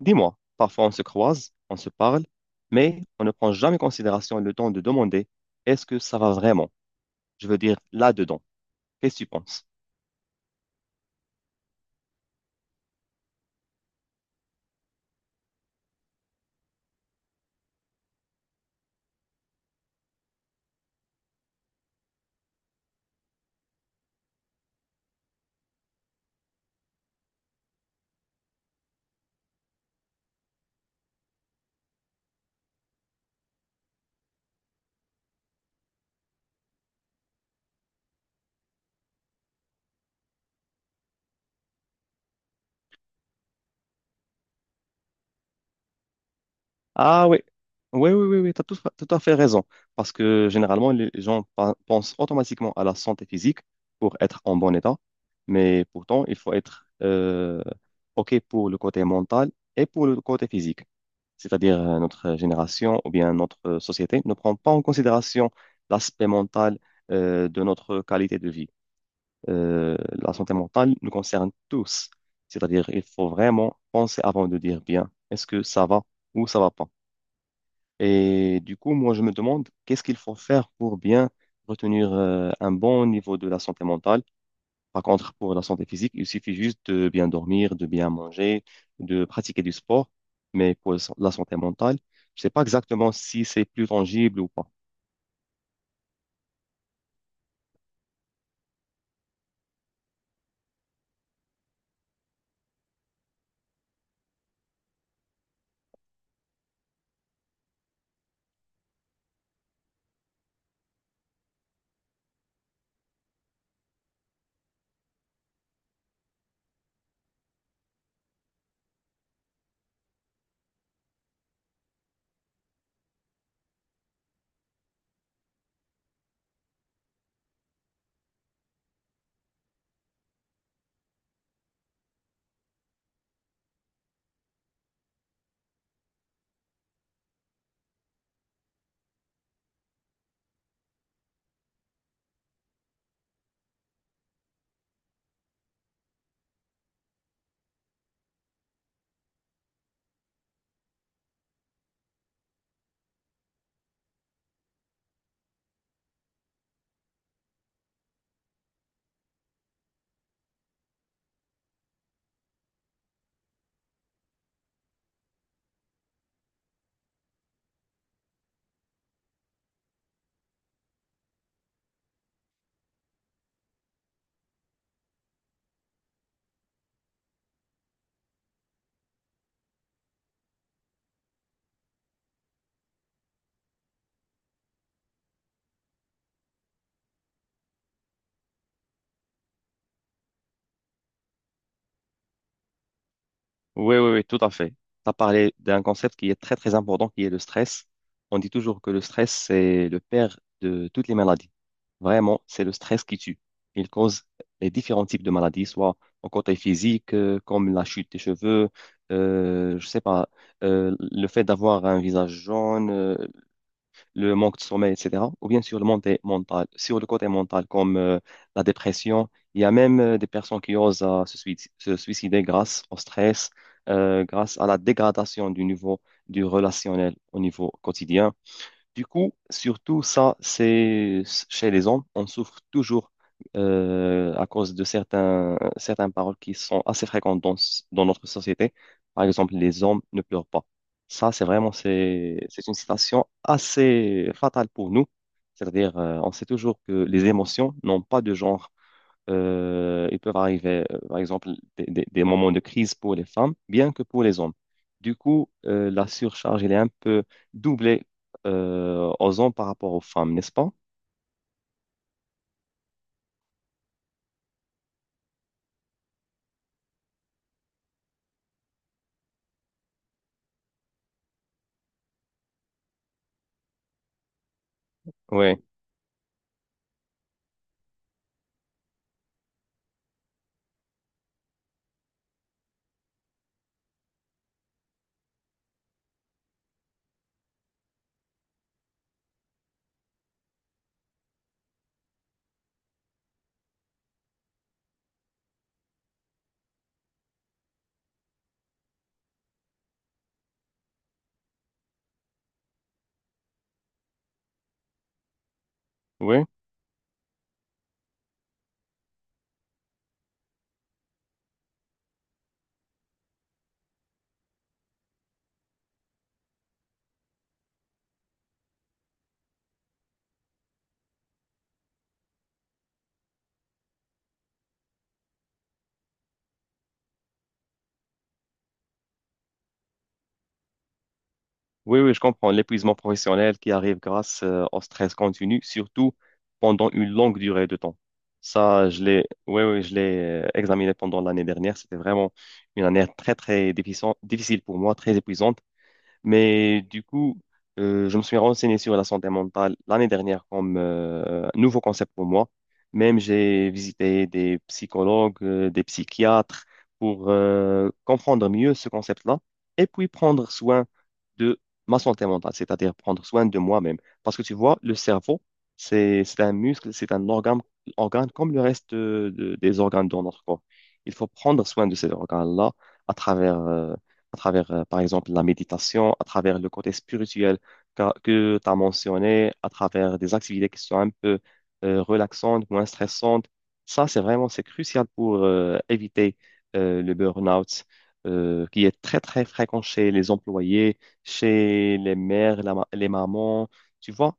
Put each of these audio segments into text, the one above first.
Dis-moi, parfois on se croise, on se parle, mais on ne prend jamais en considération le temps de demander est-ce que ça va vraiment? Je veux dire, là-dedans. Qu'est-ce que tu penses? Ah oui, oui, oui, oui, oui, tu as tout à fait raison. Parce que généralement, les gens pensent automatiquement à la santé physique pour être en bon état, mais pourtant, il faut être OK pour le côté mental et pour le côté physique. C'est-à-dire notre génération ou bien notre société, ne prend pas en considération l'aspect mental de notre qualité de vie. La santé mentale nous concerne tous, c'est-à-dire il faut vraiment penser avant de dire bien, est-ce que ça va ou ça va pas. Et du coup, moi, je me demande qu'est-ce qu'il faut faire pour bien retenir un bon niveau de la santé mentale, par contre, pour la santé physique, il suffit juste de bien dormir, de bien manger, de pratiquer du sport. Mais pour la santé mentale, je ne sais pas exactement si c'est plus tangible ou pas. Oui, oui, oui, tout à fait. Tu as parlé d'un concept qui est très, très important, qui est le stress. On dit toujours que le stress, c'est le père de toutes les maladies. Vraiment, c'est le stress qui tue. Il cause les différents types de maladies, soit au côté physique, comme la chute des cheveux, je sais pas, le fait d'avoir un visage jaune, le manque de sommeil, etc. Ou bien sur le côté mental, sur le côté mental comme la dépression. Il y a même des personnes qui osent se suicider grâce au stress, grâce à la dégradation du niveau du relationnel au niveau quotidien. Du coup, surtout ça, c'est chez les hommes, on souffre toujours à cause de certaines paroles qui sont assez fréquentes dans, dans notre société. Par exemple, les hommes ne pleurent pas. Ça, c'est vraiment c'est une citation assez fatale pour nous. C'est-à-dire, on sait toujours que les émotions n'ont pas de genre. Ils peuvent arriver, par exemple, des moments de crise pour les femmes, bien que pour les hommes. Du coup, la surcharge, elle est un peu doublée aux hommes par rapport aux femmes, n'est-ce pas? Oui, oui, oui, oui, je comprends. L'épuisement professionnel qui arrive grâce au stress continu, surtout pendant une longue durée de temps. Ça, oui, oui, je l'ai examiné pendant l'année dernière. C'était vraiment une année très, très difficile pour moi, très épuisante. Mais du coup, je me suis renseigné sur la santé mentale l'année dernière comme un nouveau concept pour moi. Même j'ai visité des psychologues, des psychiatres pour comprendre mieux ce concept-là et puis prendre soin de ma santé mentale, c'est-à-dire prendre soin de moi-même. Parce que tu vois, le cerveau, c'est un muscle, c'est un organe comme le reste des organes dans notre corps. Il faut prendre soin de cet organe-là à travers euh, à travers, par exemple, la méditation, à travers le côté spirituel que tu as mentionné, à travers des activités qui sont un peu relaxantes, moins stressantes. Ça, c'est vraiment, c'est crucial pour éviter le burn-out qui est très, très fréquent chez les employés, chez les mères, les mamans, tu vois?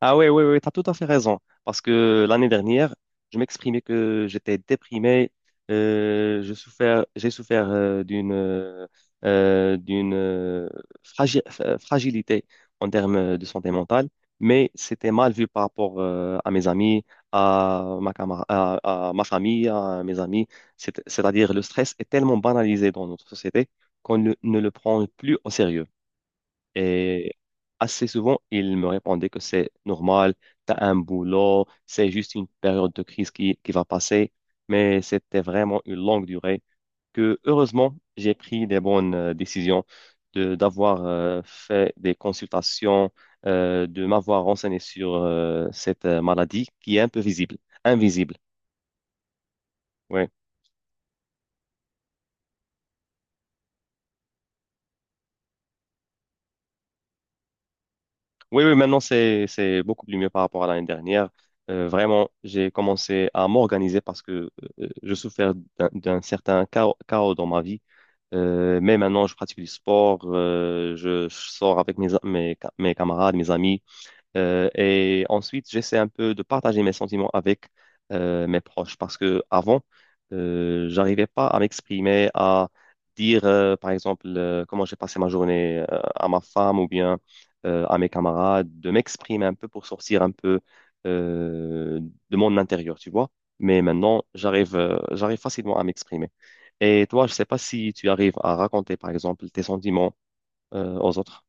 Ah oui, oui, oui, tu as tout à fait raison. Parce que l'année dernière, je m'exprimais que j'étais déprimé, j'ai souffert d'une fragilité en termes de santé mentale, mais c'était mal vu par rapport à mes amis, à ma, camar- à, à ma famille, à mes amis. C'est-à-dire, le stress est tellement banalisé dans notre société qu'on ne le prend plus au sérieux. Et assez souvent, il me répondait que c'est normal, t'as un boulot, c'est juste une période de crise qui va passer. Mais c'était vraiment une longue durée que, heureusement, j'ai pris des bonnes décisions d'avoir fait des consultations, de m'avoir renseigné sur cette maladie qui est un peu invisible. Ouais. Oui, oui, maintenant c'est beaucoup plus mieux par rapport à l'année dernière. Vraiment, j'ai commencé à m'organiser parce que je souffrais d'un certain chaos dans ma vie. Mais maintenant, je pratique du sport, je sors avec mes camarades, mes amis. Et ensuite, j'essaie un peu de partager mes sentiments avec mes proches parce que avant, j'arrivais pas à m'exprimer, à dire, par exemple, comment j'ai passé ma journée à ma femme ou bien à mes camarades, de m'exprimer un peu pour sortir un peu euh, de mon intérieur, tu vois. Mais maintenant, j'arrive facilement à m'exprimer. Et toi, je sais pas si tu arrives à raconter, par exemple, tes sentiments aux autres.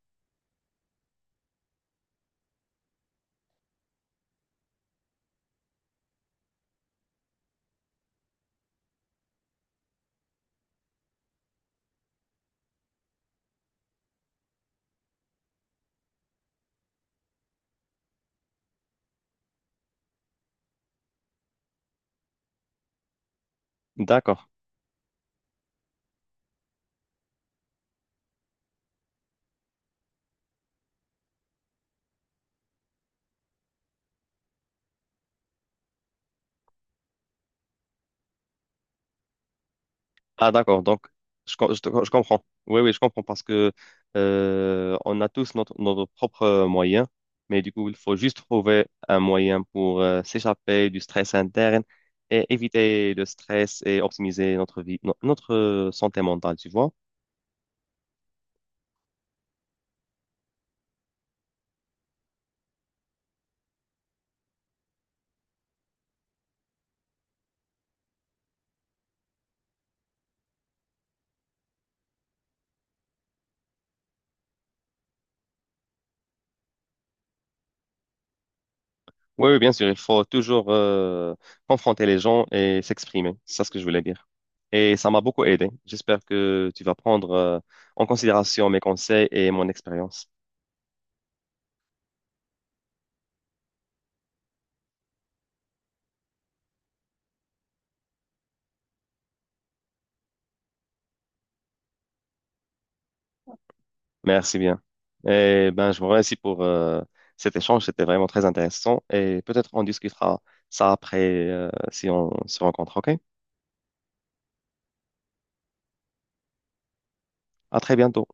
D'accord. Ah d'accord, donc je comprends. Oui, oui, je comprends parce que on a tous notre propre moyen, mais du coup, il faut juste trouver un moyen pour s'échapper du stress interne et éviter le stress et optimiser notre vie, notre santé mentale, tu vois. Oui, oui, bien sûr, il faut toujours confronter les gens et s'exprimer. C'est ça ce que je voulais dire. Et ça m'a beaucoup aidé. J'espère que tu vas prendre en considération mes conseils et mon expérience. Merci bien. Et ben, je vous remercie pour cet échange. C'était vraiment très intéressant. Et peut-être on discutera ça après si on se rencontre. OK? À très bientôt.